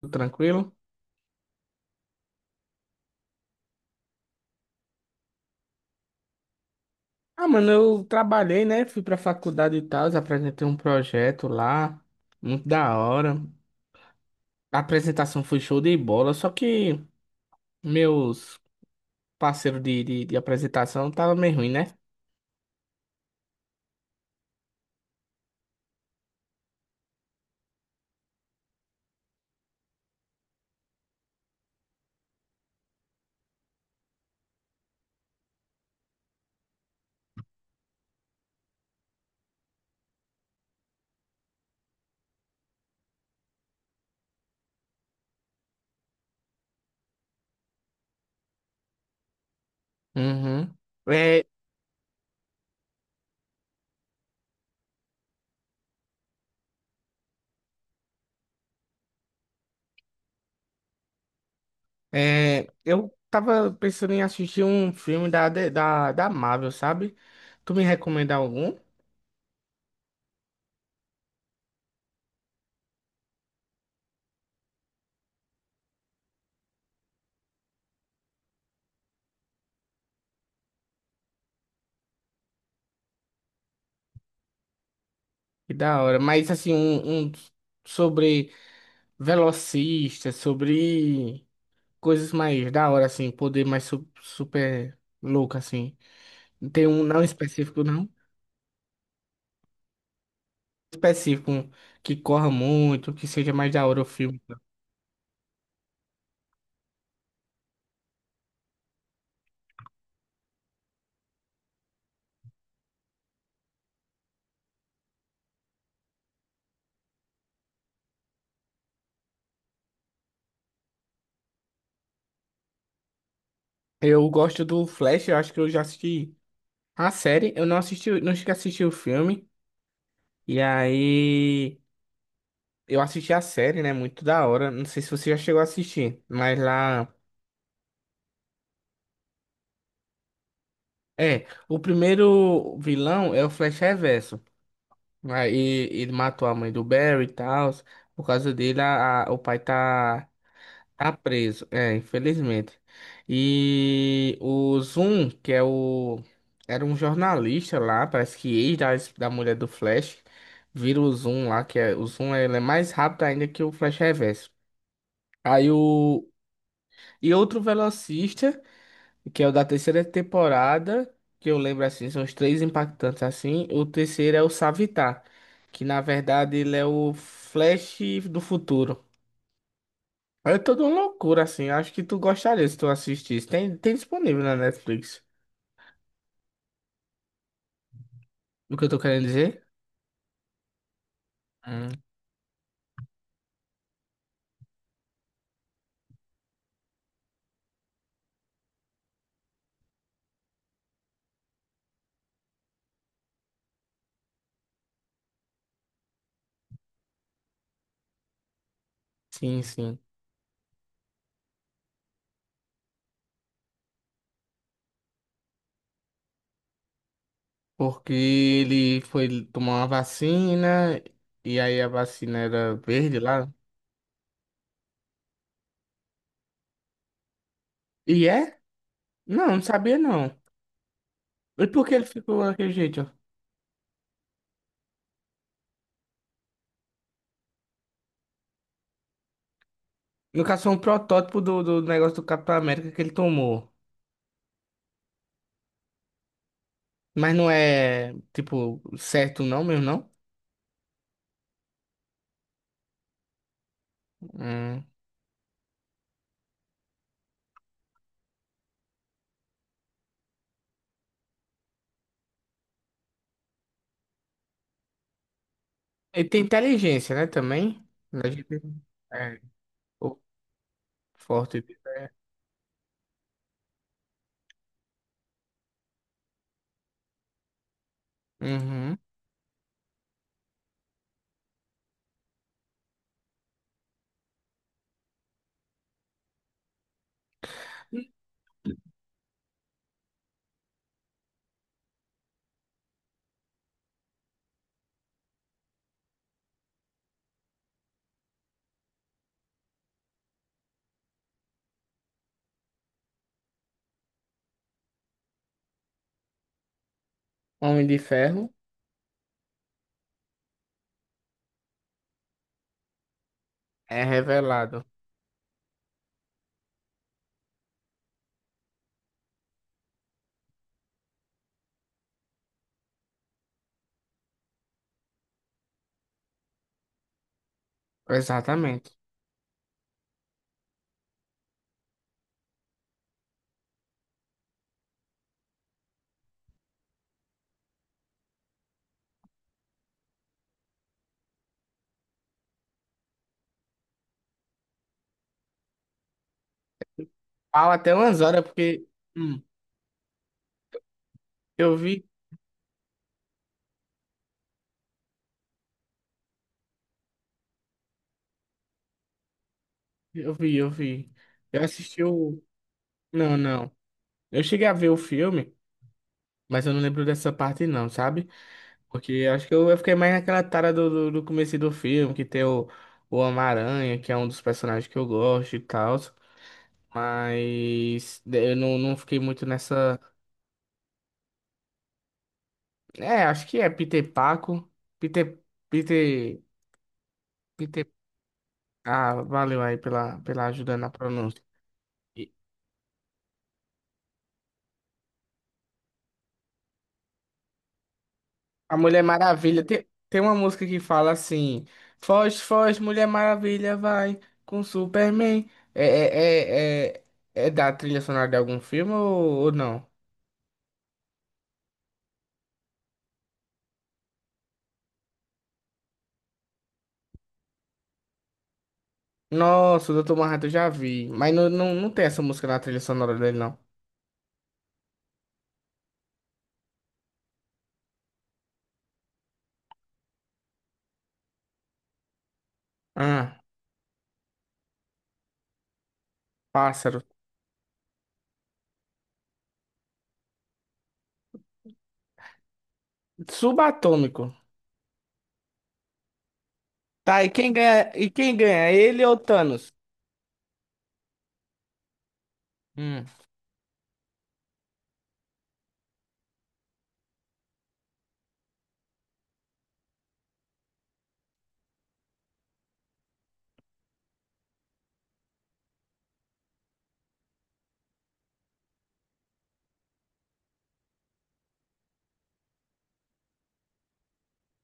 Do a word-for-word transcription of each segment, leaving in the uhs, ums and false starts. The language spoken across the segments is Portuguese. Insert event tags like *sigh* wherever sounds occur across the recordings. Tudo tranquilo? Ah, mano, eu trabalhei, né? Fui pra faculdade e tal, apresentei um projeto lá, muito da hora. A apresentação foi show de bola, só que meus parceiros de, de, de apresentação tava meio ruim, né? Uhum. É, é, eu tava pensando em assistir um filme da, de- da, da Marvel, sabe? Tu me recomenda algum? Que da hora, mas assim, um, um sobre velocista sobre. Coisas mais da hora, assim, poder mais su- super louco, assim. Tem um não específico, não. Específico, um que corra muito, que seja mais da hora o filme. Eu gosto do Flash, eu acho que eu já assisti a série. Eu não assisti, não cheguei a assistir o filme. E aí, eu assisti a série, né? Muito da hora. Não sei se você já chegou a assistir, mas lá. É, o primeiro vilão é o Flash Reverso. Aí ele matou a mãe do Barry e tal. Por causa dele, a, a- o pai tá. Tá preso, é, infelizmente. E o Zoom, que é o. Era um jornalista lá, parece que ex da, da mulher do Flash, vira o Zoom lá, que é. O Zoom ele é mais rápido ainda que o Flash Reverso. Aí o. E outro velocista, que é o da terceira temporada, que eu lembro assim, são os três impactantes assim. O terceiro é o Savitar, que na verdade ele é o Flash do futuro. É toda uma loucura, assim. Acho que tu gostaria se tu assistisse. Tem, tem disponível na Netflix. O que eu tô querendo dizer? Hum. Sim, sim. Porque ele foi tomar uma vacina, e aí a vacina era verde lá. E é? Não, não sabia não. E por que ele ficou daquele jeito? Ó? No caso, foi um protótipo do, do negócio do Capitão América que ele tomou. Mas não é, tipo, certo não mesmo, não? Hum. Ele tem inteligência, né, também? A gente- É, o forte. Uhum. Homem de Ferro é revelado. Exatamente. Fala até umas horas, porque hum, eu vi, eu vi, eu vi. Eu assisti o. Não, não. Eu cheguei a ver o filme, mas eu não lembro dessa parte, não, sabe? Porque eu acho que eu, eu fiquei mais naquela tara do, do, do começo do filme, que tem o, o Homem-Aranha, que é um dos personagens que eu gosto e tal. Mas eu não, não fiquei muito nessa. É, acho que é Peter Paco. Peter. Peter. Peter. Ah, valeu aí pela, pela ajuda na pronúncia. E a Mulher Maravilha, tem, tem uma música que fala assim: Foge, foge, Mulher Maravilha, vai com Superman. É, é, é, é, é da trilha sonora de algum filme ou, ou não? Nossa, o doutor Manhattan eu já vi, mas não, não, não tem essa música na trilha sonora dele, não. Ah, pássaro. Subatômico. Tá, e quem ganha, e quem ganha? Ele ou Thanos? Hum,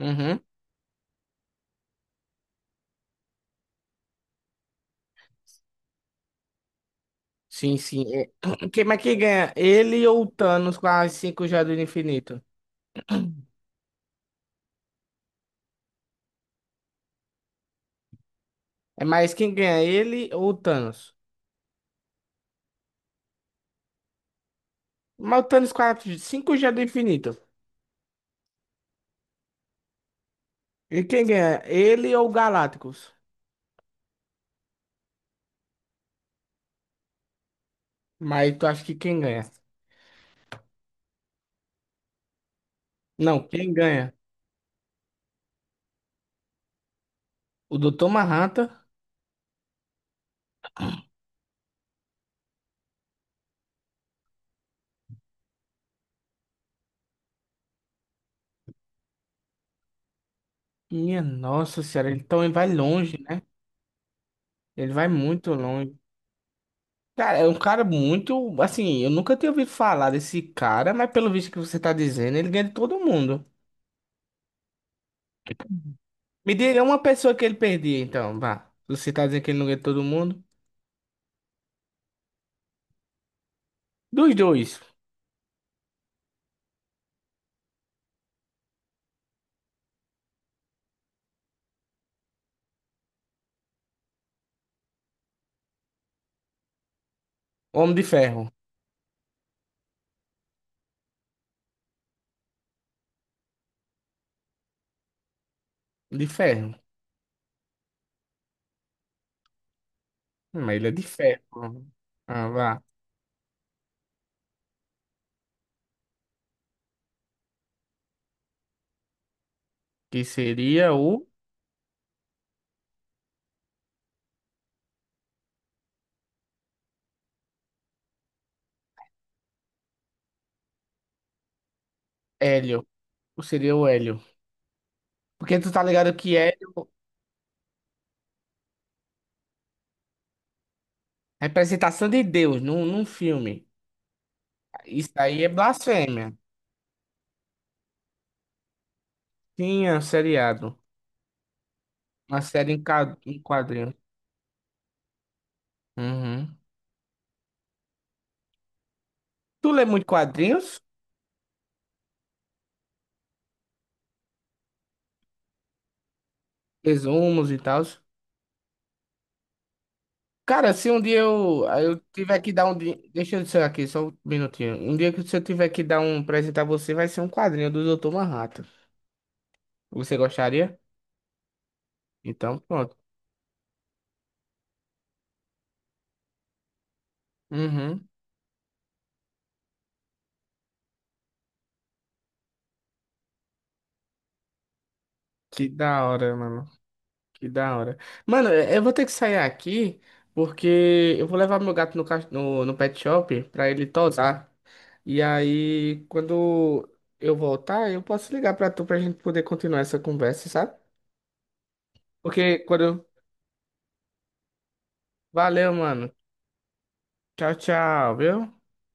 uhum. Sim, sim. É. *clears throat* Quem, mas quem ganha? Ele ou o Thanos com as cinco joias do infinito? É mais quem ganha? Ele ou o Thanos? Mas o Thanos com as cinco joias do infinito. E quem ganha? Ele ou o Galactus? Mas tu acha que quem ganha? Não, quem ganha? O doutor Manhattan? Minha nossa senhora, ele também vai longe, né? Ele vai muito longe. Cara, é um cara muito. Assim, eu nunca tinha ouvido falar desse cara, mas pelo visto que você tá dizendo, ele ganha de todo mundo. Me diga é uma pessoa que ele perdia, então, vá. Você tá dizendo que ele não ganha de todo mundo? Dos dois. Homem de ferro. De ferro. Hum. Mas ele é de ferro. Ah, vá. Que seria o Hélio. Ou seria o Hélio. Porque tu tá ligado que Hélio é representação de Deus num, num filme. Isso aí é blasfêmia. Tinha um seriado. Uma série em, ca- em quadrinhos. Uhum. Tu lê muito quadrinhos? Resumos e tal? Cara, se um dia eu, ah, eu tiver que dar um. di- Deixa eu dizer aqui, só um minutinho. Um dia que se eu tiver que dar um presente a você, vai ser um quadrinho do doutor Manhattan. Você gostaria? Então, pronto. Uhum. Que da hora, mano. Que da hora. Mano, eu eu vou ter que sair aqui, porque eu vou levar meu gato no, cach- no, no pet shop pra ele tosar. E aí, quando eu voltar, eu posso ligar pra tu pra gente poder continuar essa conversa, sabe? Porque quando. Valeu, mano. Tchau, tchau, viu?